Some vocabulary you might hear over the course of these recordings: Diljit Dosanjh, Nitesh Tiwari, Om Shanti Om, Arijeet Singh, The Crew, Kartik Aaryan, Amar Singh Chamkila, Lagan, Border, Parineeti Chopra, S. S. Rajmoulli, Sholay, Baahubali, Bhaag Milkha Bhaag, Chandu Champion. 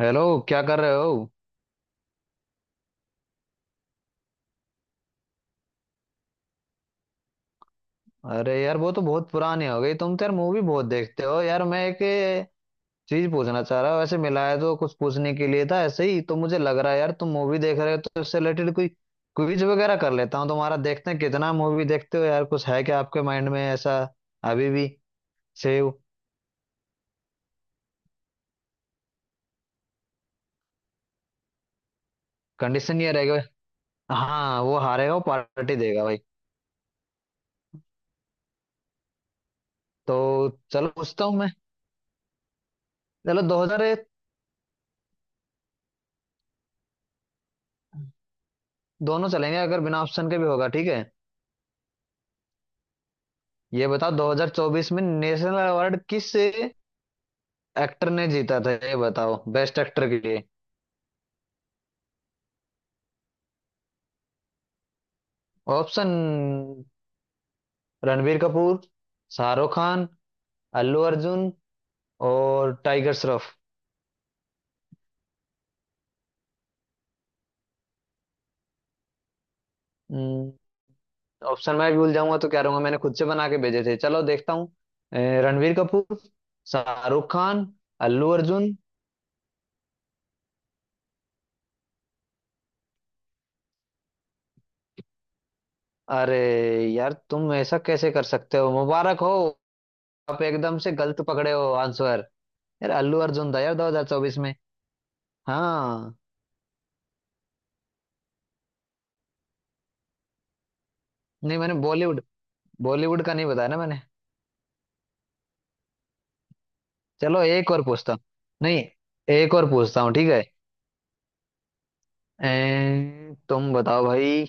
Hello. क्या कर रहे हो? अरे यार, वो तो बहुत पुरानी हो गई। तुम तो यार मूवी बहुत देखते हो यार। मैं एक चीज पूछना चाह रहा हूँ। वैसे मिला है तो कुछ पूछने के लिए था, ऐसे ही तो। मुझे लग रहा है यार तुम मूवी देख रहे हो तो इससे रिलेटेड कोई क्विज वगैरह कर लेता हूँ तुम्हारा, देखते हैं कितना मूवी देखते हो यार। कुछ है क्या आपके माइंड में ऐसा? अभी भी सेव। कंडीशन ये रहेगा। हाँ, वो हारे हो पार्टी देगा भाई। तो चलो पूछता हूँ मैं। चलो, 2000। दोनों चलेंगे, अगर बिना ऑप्शन के भी होगा, ठीक है। ये बताओ, 2024 में नेशनल अवार्ड किस एक्टर ने जीता था? ये बताओ, बेस्ट एक्टर के लिए। ऑप्शन: रणबीर कपूर, शाहरुख खान, अल्लू अर्जुन और टाइगर श्रॉफ। हम्म, ऑप्शन मैं भूल जाऊंगा तो क्या रहूंगा? मैंने खुद से बना के भेजे थे, चलो देखता हूँ। अ, रणबीर कपूर, शाहरुख खान, अल्लू अर्जुन। अरे यार, तुम ऐसा कैसे कर सकते हो? मुबारक हो, आप एकदम से गलत पकड़े हो आंसर। यार, अल्लू अर्जुन था यार 2024 में। हाँ। नहीं, मैंने बॉलीवुड बॉलीवुड का नहीं बताया ना मैंने। चलो एक और पूछता हूँ। नहीं, एक और पूछता हूँ, ठीक है। तुम बताओ भाई।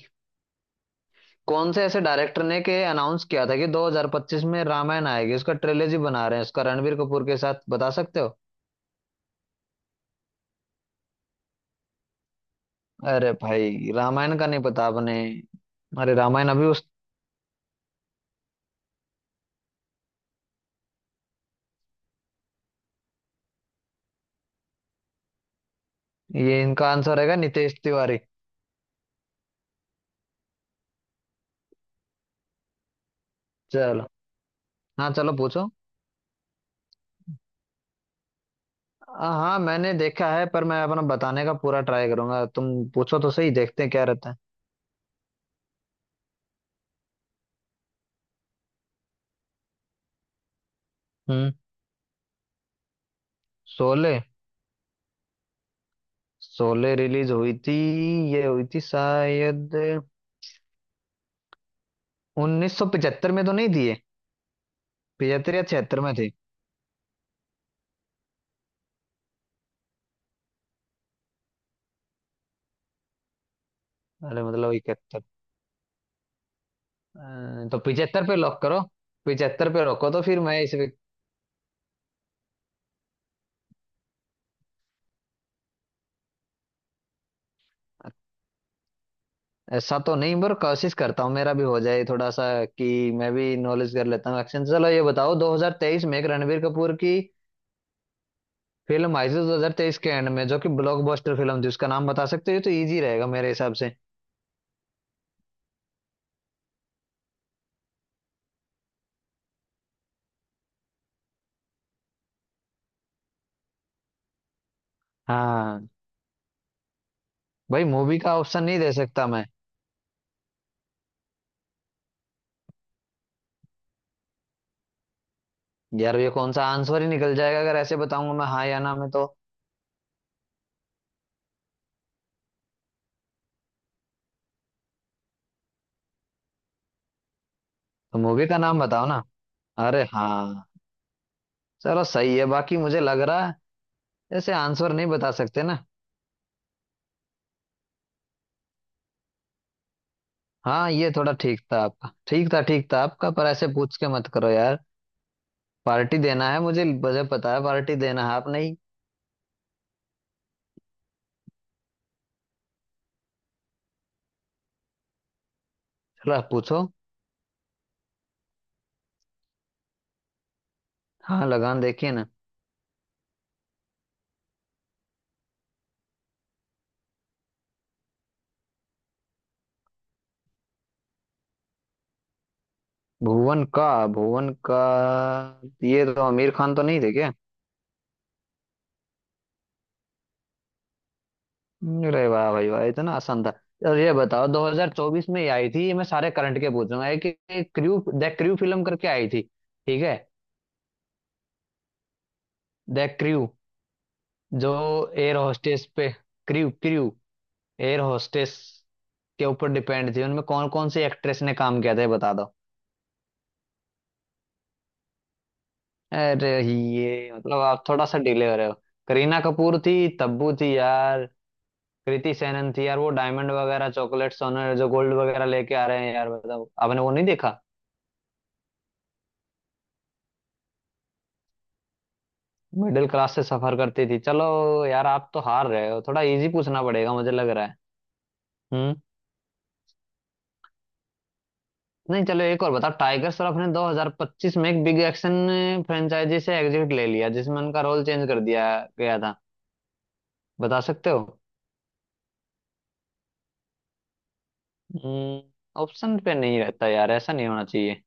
कौन से ऐसे डायरेक्टर ने के अनाउंस किया था कि 2025 में रामायण आएगी, उसका ट्रेलॉजी बना रहे हैं उसका रणबीर कपूर के साथ, बता सकते हो? अरे भाई, रामायण का नहीं पता आपने? अरे, रामायण अभी उस। ये इनका आंसर रहेगा, नितेश तिवारी। चलो। हाँ चलो पूछो। हाँ, मैंने देखा है, पर मैं अपना बताने का पूरा ट्राई करूंगा। तुम पूछो तो सही, देखते हैं क्या रहता है। हम्म। शोले, शोले रिलीज हुई थी, ये हुई थी शायद 1975 में, तो नहीं थी ये? 75 या 76 में थी। अरे मतलब 71। तो 75 पे लॉक करो, 75 पे रोको तो फिर मैं इस। ऐसा तो नहीं, पर कोशिश करता हूँ मेरा भी हो जाए थोड़ा सा कि मैं भी नॉलेज कर लेता हूँ। एक्शन, चलो ये बताओ, 2023 में एक रणबीर कपूर की फिल्म आई थी, 2023 के एंड में, जो कि ब्लॉकबस्टर फिल्म थी। उसका नाम बता सकते हो? ये तो इजी रहेगा मेरे हिसाब से। हाँ भाई, मूवी का ऑप्शन नहीं दे सकता मैं यार। ये कौन सा आंसर ही निकल जाएगा अगर ऐसे बताऊंगा मैं हाँ या ना में? तो मूवी का नाम बताओ ना। अरे हाँ, चलो सही है बाकी, मुझे लग रहा है ऐसे आंसर नहीं बता सकते ना। हाँ, ये थोड़ा ठीक था आपका, ठीक था, ठीक था आपका, पर ऐसे पूछ के मत करो यार। पार्टी देना है, मुझे। मुझे पता है पार्टी देना है, आप नहीं। चलो आप पूछो। हाँ लगान देखिए ना। भुवन का भुवन का ये तो आमिर खान तो नहीं थे क्या? अरे वाह भाई वाह, इतना आसान था। और ये बताओ, 2024 में ये आई थी, ये मैं सारे करंट के पूछ रहा हूँ। एक एक क्रू, द क्रू फिल्म करके आई थी, ठीक है? द क्रू, जो एयर होस्टेस पे, क्रू क्रू, एयर होस्टेस के ऊपर डिपेंड थी। उनमें कौन कौन सी एक्ट्रेस ने काम किया था ये बता दो। अरे, ये मतलब आप थोड़ा सा डिले हो रहे हो। करीना कपूर थी, तब्बू थी यार, कृति सेनन थी यार। वो डायमंड वगैरह, चॉकलेट, सोना जो गोल्ड वगैरह लेके आ रहे हैं यार, बताओ आपने वो नहीं देखा? मिडिल क्लास से सफर करती थी। चलो यार, आप तो हार रहे हो, थोड़ा इजी पूछना पड़ेगा मुझे, लग रहा है। हम्म। नहीं, चलो एक और बताओ। टाइगर श्रॉफ ने 2025 में एक बिग एक्शन फ्रेंचाइजी से एग्जिट ले लिया जिसमें उनका रोल चेंज कर दिया गया था, बता सकते हो? ऑप्शन पे नहीं रहता यार, ऐसा नहीं होना चाहिए।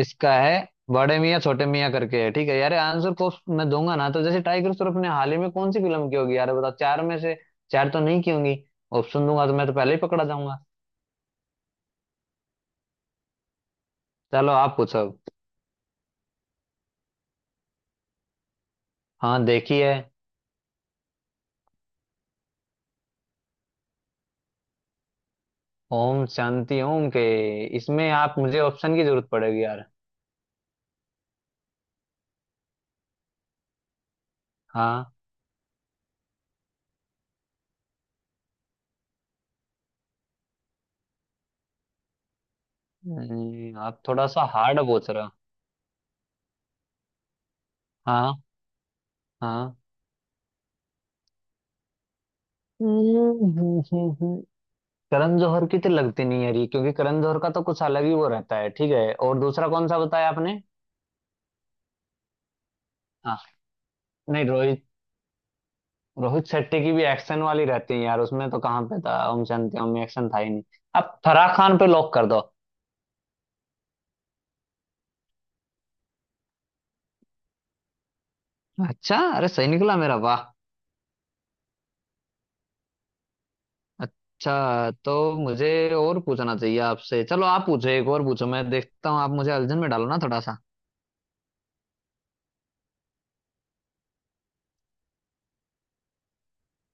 इसका है बड़े मियाँ छोटे मियाँ करके है, ठीक है यार? आंसर को मैं दूंगा ना तो जैसे टाइगर श्रॉफ ने हाल ही में कौन सी फिल्म की होगी यार, बताओ। चार में से चार तो नहीं की होंगी। ऑप्शन दूंगा तो मैं तो पहले ही पकड़ा जाऊंगा। चलो आप पूछो। हाँ देखी है। ओम शांति ओम के, इसमें आप मुझे ऑप्शन की जरूरत पड़ेगी यार। हाँ। आप थोड़ा सा हार्ड पूछ रहा। हाँ, हाँ। हम्म, करण जौहर की तो लगती नहीं है ये, क्योंकि करण जौहर का तो कुछ अलग ही वो रहता है, ठीक है। और दूसरा कौन सा बताया आपने? हाँ। नहीं, रोहित रोहित शेट्टी की भी एक्शन वाली रहती है यार, उसमें तो कहाँ पे था? ओम शांति ओम में एक्शन था ही नहीं। अब फराह खान पे लॉक कर दो। अच्छा, अरे सही निकला मेरा, वाह। अच्छा तो मुझे और पूछना चाहिए आपसे। चलो आप पूछो, एक और पूछो, मैं देखता हूँ, आप मुझे अलझन में डालो ना थोड़ा सा।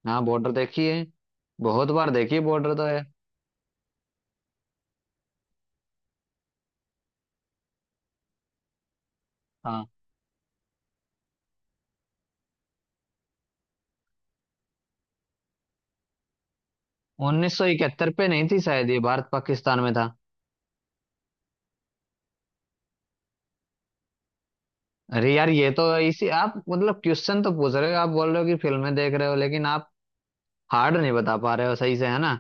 हाँ, बॉर्डर देखी है, बहुत बार देखी है बॉर्डर तो है। हाँ, 1971 पे नहीं थी शायद, ये भारत पाकिस्तान में था। अरे यार, ये तो इसी आप मतलब क्वेश्चन तो पूछ रहे हो, आप बोल रहे हो कि फिल्में देख रहे हो, लेकिन आप हार्ड नहीं बता पा रहे हो सही से, है ना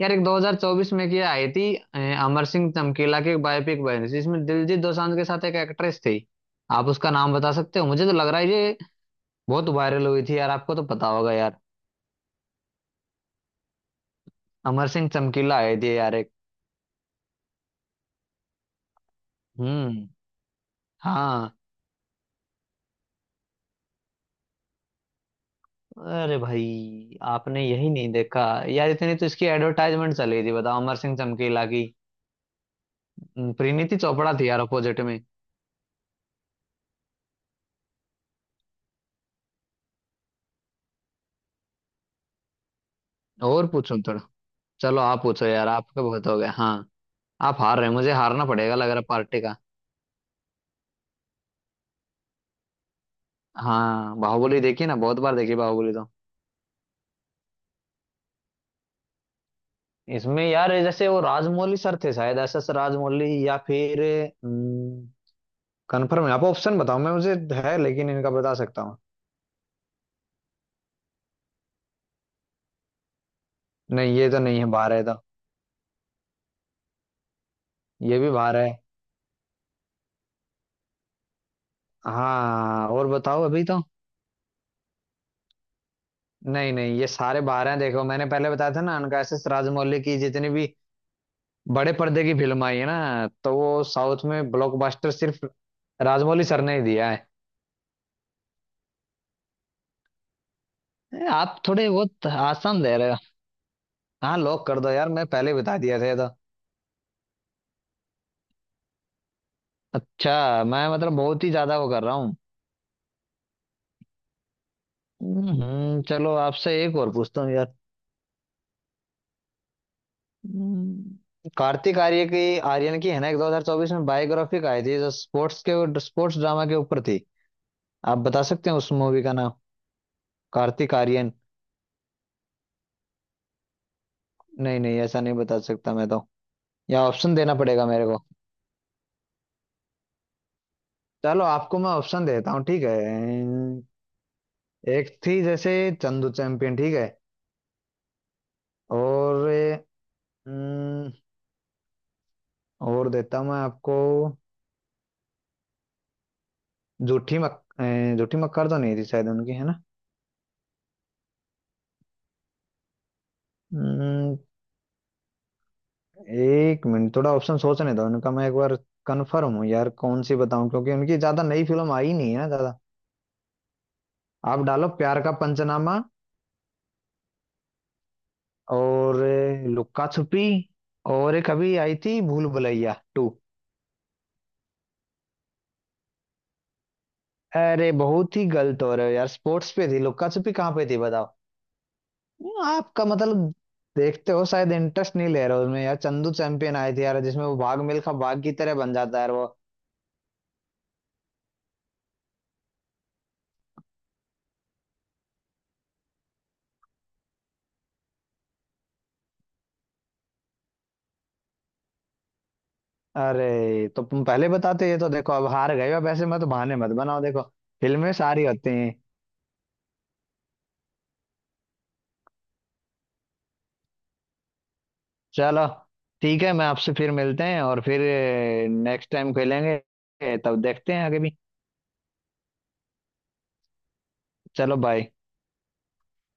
यार? एक 2024 में क्या आई थी, अमर सिंह चमकीला की एक बायोपिक बनी थी, जिसमें दिलजीत दोसांझ के साथ एक एक्ट्रेस थी। आप उसका नाम बता सकते हो? मुझे तो लग रहा है ये बहुत वायरल हुई थी यार, आपको तो पता होगा यार। अमर सिंह चमकीला आए थे यार, एक। हम्म, हाँ। अरे भाई, आपने यही नहीं देखा यार? इतनी तो इसकी एडवर्टाइजमेंट चली थी, बताओ अमर सिंह चमकीला की। परिणीति चोपड़ा थी यार अपोजिट में। और पूछूं थोड़ा। चलो आप पूछो यार, आपका बहुत हो गया। हाँ, आप हार रहे हैं, मुझे हारना पड़ेगा लग रहा पार्टी का। हाँ, बाहुबली देखी ना, बहुत बार देखी बाहुबली तो। इसमें यार जैसे वो राजमौली सर थे शायद, एस एस राजमौली, या फिर कंफर्म है आप। ऑप्शन बताओ मैं, मुझे है लेकिन, इनका बता सकता हूँ। नहीं, ये तो नहीं है, बारह है तो। ये भी बारह है। हाँ, और बताओ अभी तो। नहीं, नहीं, ये सारे बारह हैं, देखो मैंने पहले बताया था ना उनका, एस एस राजमौली की जितनी भी बड़े पर्दे की फिल्म आई है ना तो वो साउथ में ब्लॉकबस्टर सिर्फ राजमौली सर ने ही दिया है। आप थोड़े बहुत आसान दे रहे हो। हाँ लॉक कर दो यार, मैं पहले ही बता दिया था ये तो। अच्छा, मैं मतलब बहुत ही ज्यादा वो कर रहा हूँ। चलो आपसे एक और पूछता हूँ यार। कार्तिक आर्यन की है ना, एक 2024 में बायोग्राफिक आई थी जो स्पोर्ट्स ड्रामा के ऊपर थी। आप बता सकते हैं उस मूवी का नाम? कार्तिक आर्यन। नहीं, नहीं, ऐसा नहीं बता सकता मैं तो, या ऑप्शन देना पड़ेगा मेरे को। चलो, आपको मैं ऑप्शन देता हूँ, ठीक है। एक थी जैसे चंदू चैंपियन, ठीक है? और अम, और देता हूँ मैं आपको। जूठी मक अ, जूठी मक्कर तो नहीं थी शायद उनकी, है ना? हम्म, एक मिनट, थोड़ा ऑप्शन सोचने दो उनका, मैं एक बार कंफर्म हूँ यार कौन सी बताऊं, क्योंकि उनकी ज्यादा नई फिल्म आई नहीं है ना ज्यादा। आप डालो प्यार का पंचनामा और लुक्का छुपी, और एक अभी आई थी भूल भुलैया टू। अरे, बहुत ही गलत हो रहे हो यार, स्पोर्ट्स पे थी, लुक्का छुपी कहाँ पे थी बताओ? आपका मतलब, देखते हो शायद इंटरेस्ट नहीं ले रहे हो उसमें यार। चंदू चैंपियन आए थे यार, जिसमें वो भाग मिल्खा भाग की तरह बन जाता है यार वो। अरे तो तुम पहले बताते ये तो, देखो अब हार गए हो वैसे, मत बहाने मत बनाओ, देखो फिल्में सारी होती हैं। चलो ठीक है, मैं आपसे फिर मिलते हैं और फिर नेक्स्ट टाइम खेलेंगे, तब देखते हैं आगे भी। चलो बाय।